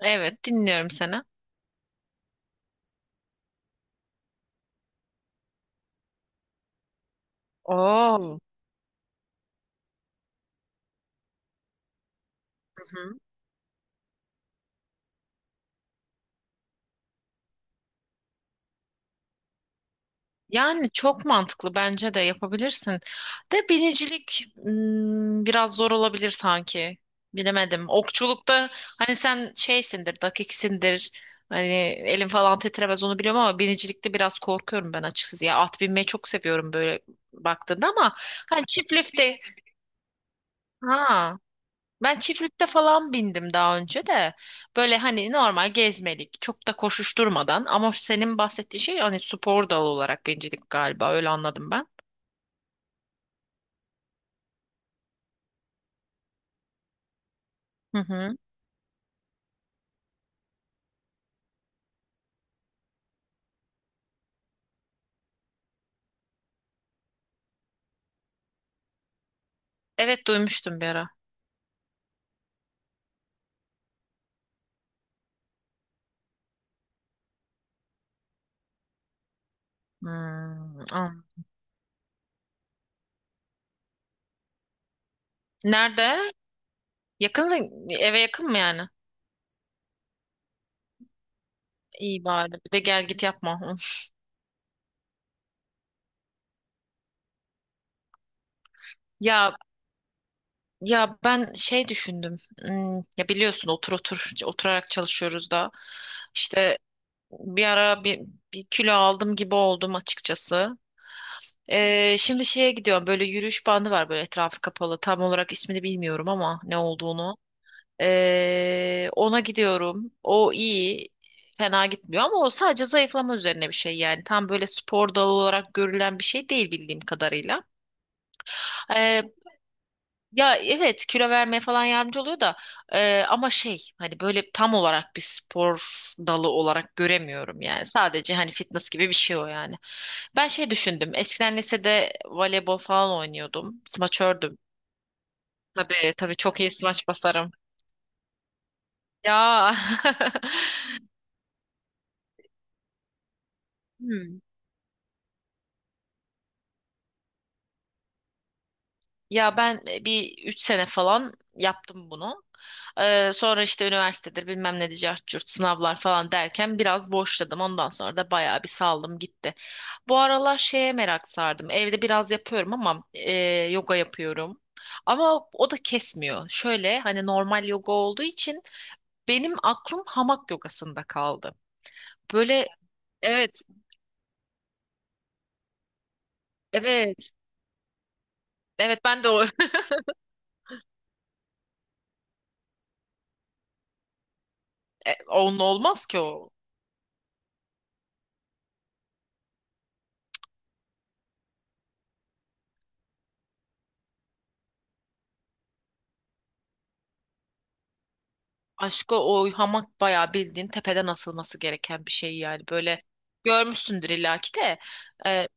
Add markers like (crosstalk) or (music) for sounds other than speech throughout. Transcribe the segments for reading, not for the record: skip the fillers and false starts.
Evet, dinliyorum seni. Oo. Hı-hı. Yani çok mantıklı bence de yapabilirsin. De binicilik biraz zor olabilir sanki. Bilemedim. Okçulukta hani sen şeysindir, dakiksindir. Hani elin falan titremez onu biliyorum ama binicilikte biraz korkuyorum ben açıkçası. Ya at binmeyi çok seviyorum böyle baktığında ama hani çiftlikte ha. Ben çiftlikte falan bindim daha önce de. Böyle hani normal gezmelik, çok da koşuşturmadan ama senin bahsettiğin şey hani spor dalı olarak bincilik galiba öyle anladım ben. Hı hı. Evet, duymuştum bir ara. Hmm. Nerede? Yakın, eve yakın mı yani? İyi bari. Bir de gel git yapma. (laughs) Hı. Ya ya ben şey düşündüm. Ya biliyorsun oturarak çalışıyoruz da. İşte bir ara bir kilo aldım gibi oldum açıkçası. Şimdi şeye gidiyorum, böyle yürüyüş bandı var böyle etrafı kapalı, tam olarak ismini bilmiyorum ama ne olduğunu. Ona gidiyorum, o iyi, fena gitmiyor ama o sadece zayıflama üzerine bir şey yani, tam böyle spor dalı olarak görülen bir şey değil bildiğim kadarıyla. Ya evet, kilo vermeye falan yardımcı oluyor da ama şey, hani böyle tam olarak bir spor dalı olarak göremiyorum yani. Sadece hani fitness gibi bir şey o yani. Ben şey düşündüm. Eskiden lisede voleybol falan oynuyordum. Smaçördüm. Tabii tabii, çok iyi smaç basarım. Ya. (laughs) Hmm. Ya ben bir 3 sene falan yaptım bunu. Sonra işte üniversitedir bilmem ne cart curt sınavlar falan derken biraz boşladım. Ondan sonra da bayağı bir saldım gitti. Bu aralar şeye merak sardım. Evde biraz yapıyorum ama yoga yapıyorum. Ama o da kesmiyor. Şöyle hani normal yoga olduğu için benim aklım hamak yogasında kaldı. Böyle evet, evet, evet, ben de o. (laughs) Onun olmaz ki o. Aşko, o hamak bayağı bildiğin tepeden asılması gereken bir şey yani. Böyle görmüşsündür illaki de. Ee,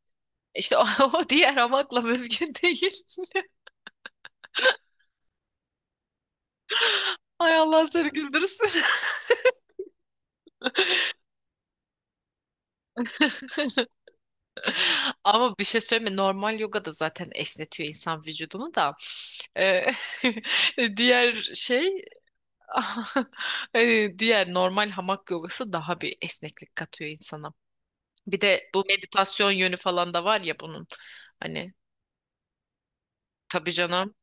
işte o, (laughs) o diğer hamakla mümkün değil. Ay Allah seni güldürsün. (laughs) Ama bir şey söyleyeyim mi? Normal yoga da zaten esnetiyor insan vücudunu da. Ee, (laughs) diğer şey (laughs) diğer normal hamak yogası daha bir esneklik katıyor insana. Bir de bu meditasyon yönü falan da var ya bunun. Hani tabii canım.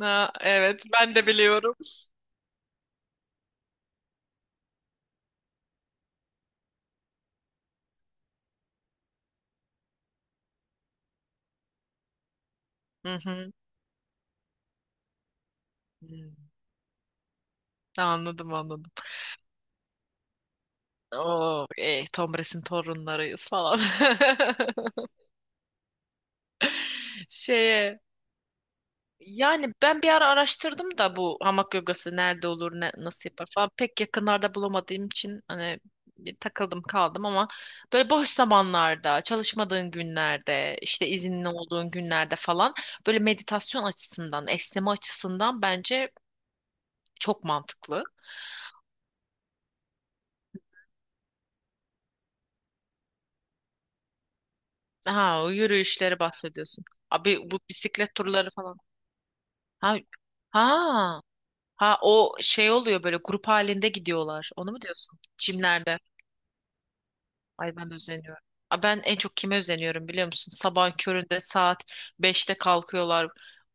Ha, evet ben de biliyorum. Hı hı. Hmm. Anladım, anladım. Oo, Tom Bras'in torunlarıyız falan. (laughs) Şeye, yani ben bir ara araştırdım da bu hamak yogası nerede olur, ne, nasıl yapar falan, pek yakınlarda bulamadığım için hani bir takıldım kaldım ama böyle boş zamanlarda, çalışmadığın günlerde, işte izinli olduğun günlerde falan böyle meditasyon açısından, esneme açısından bence çok mantıklı. Ha, o yürüyüşleri bahsediyorsun. Abi bu bisiklet turları falan. Ha, ha, ha, o şey oluyor böyle grup halinde gidiyorlar. Onu mu diyorsun? Çimlerde. Ay ben de özeniyorum. Aa, ben en çok kime özeniyorum biliyor musun? Sabah köründe saat 5'te kalkıyorlar.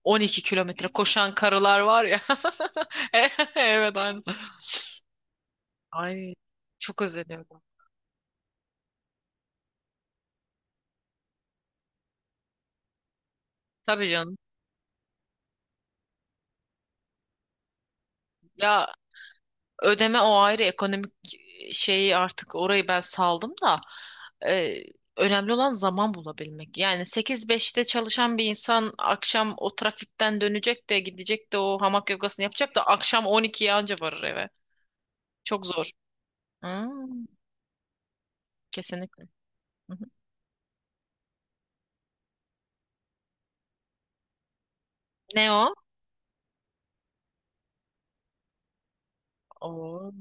12 kilometre koşan karılar var ya. (laughs) Evet, aynen. Ay çok özeniyorum. Tabii canım. Ya, ödeme o ayrı, ekonomik şeyi artık orayı ben saldım da e, önemli olan zaman bulabilmek. Yani sekiz beşte çalışan bir insan akşam o trafikten dönecek de gidecek de o hamak yogasını yapacak da akşam 12'ye anca varır eve. Çok zor. Hmm, kesinlikle. Hı hı. Ne o? Oo.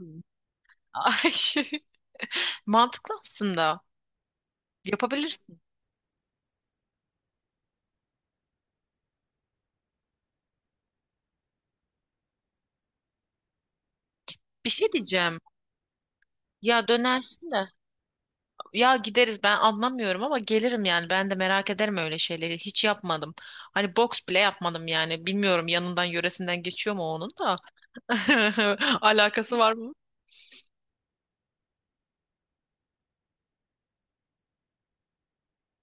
Ay, (laughs) mantıklı aslında. Yapabilirsin. Bir şey diyeceğim. Ya dönersin de. Ya gideriz, ben anlamıyorum ama gelirim yani, ben de merak ederim, öyle şeyleri hiç yapmadım. Hani boks bile yapmadım yani, bilmiyorum yanından yöresinden geçiyor mu, onun da (laughs) alakası var mı?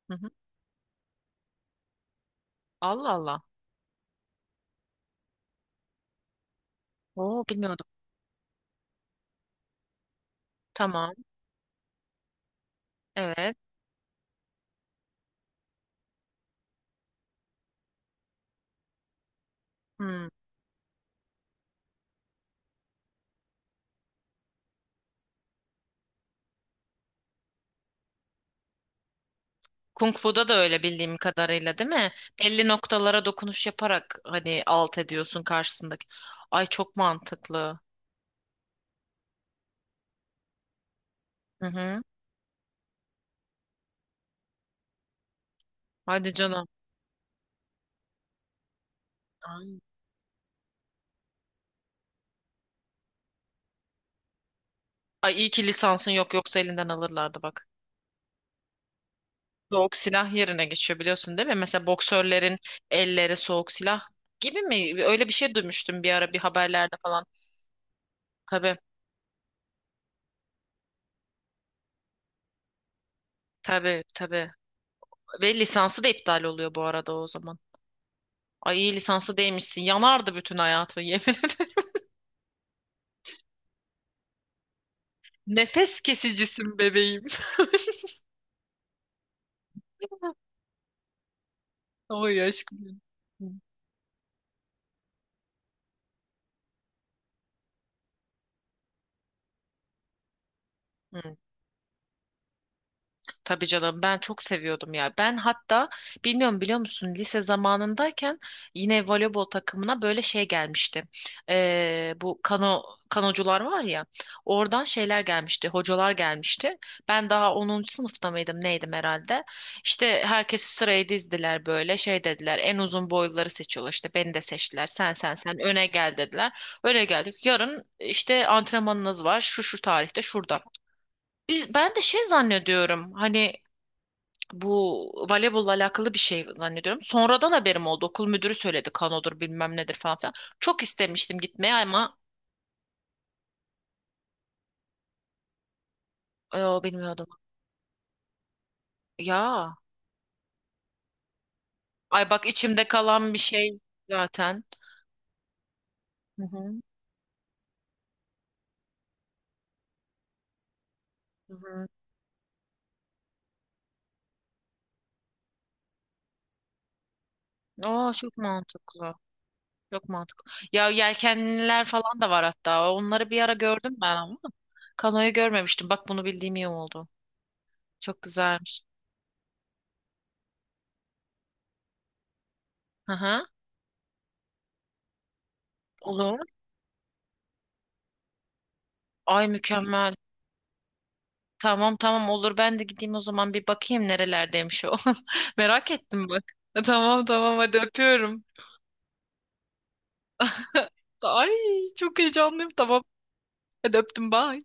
Hı hı. Allah Allah. Oo, bilmiyordum. Tamam, evet. Hmm. Kung Fu'da da öyle bildiğim kadarıyla, değil mi? Belli noktalara dokunuş yaparak hani alt ediyorsun karşısındaki. Ay çok mantıklı. Hı hı. Hadi canım. Ay. Ay iyi ki lisansın yok, yoksa elinden alırlardı bak. Soğuk silah yerine geçiyor biliyorsun değil mi? Mesela boksörlerin elleri soğuk silah gibi mi? Öyle bir şey duymuştum bir ara bir haberlerde falan. Tabii, tabii, tabii. Ve lisansı da iptal oluyor bu arada o zaman. Ay iyi lisansı değmişsin. Yanardı bütün hayatın, yemin ederim. (laughs) Nefes kesicisin bebeğim. (laughs) Oy aşkım. Hı. Tabii canım, ben çok seviyordum ya. Ben hatta bilmiyorum biliyor musun, lise zamanındayken yine voleybol takımına böyle şey gelmişti. Bu kanocular var ya, oradan şeyler gelmişti, hocalar gelmişti. Ben daha 10. sınıfta mıydım neydim herhalde. İşte herkesi sıraya dizdiler, böyle şey dediler, en uzun boyluları seçiyorlar, işte beni de seçtiler, sen sen sen öne gel dediler. Öne geldik, yarın işte antrenmanınız var şu şu tarihte şurada. Ben de şey zannediyorum hani bu voleybolla alakalı bir şey zannediyorum. Sonradan haberim oldu. Okul müdürü söyledi, kanodur bilmem nedir falan filan. Çok istemiştim gitmeye ama e, bilmiyordum. Ya ay, bak içimde kalan bir şey zaten. Hı hı. Hı hı. Aa, çok mantıklı. Çok mantıklı. Ya yelkenliler falan da var hatta. Onları bir ara gördüm ben ama kanoyu görmemiştim. Bak bunu bildiğim iyi oldu. Çok güzelmiş. Hı hı. Olur. Ay mükemmel. Tamam, tamam, olur, ben de gideyim o zaman, bir bakayım nerelerdeymiş o. (laughs) Merak ettim bak. (laughs) Tamam, tamam, hadi öpüyorum. (laughs) Ay çok heyecanlıyım, tamam. Hadi öptüm, bye.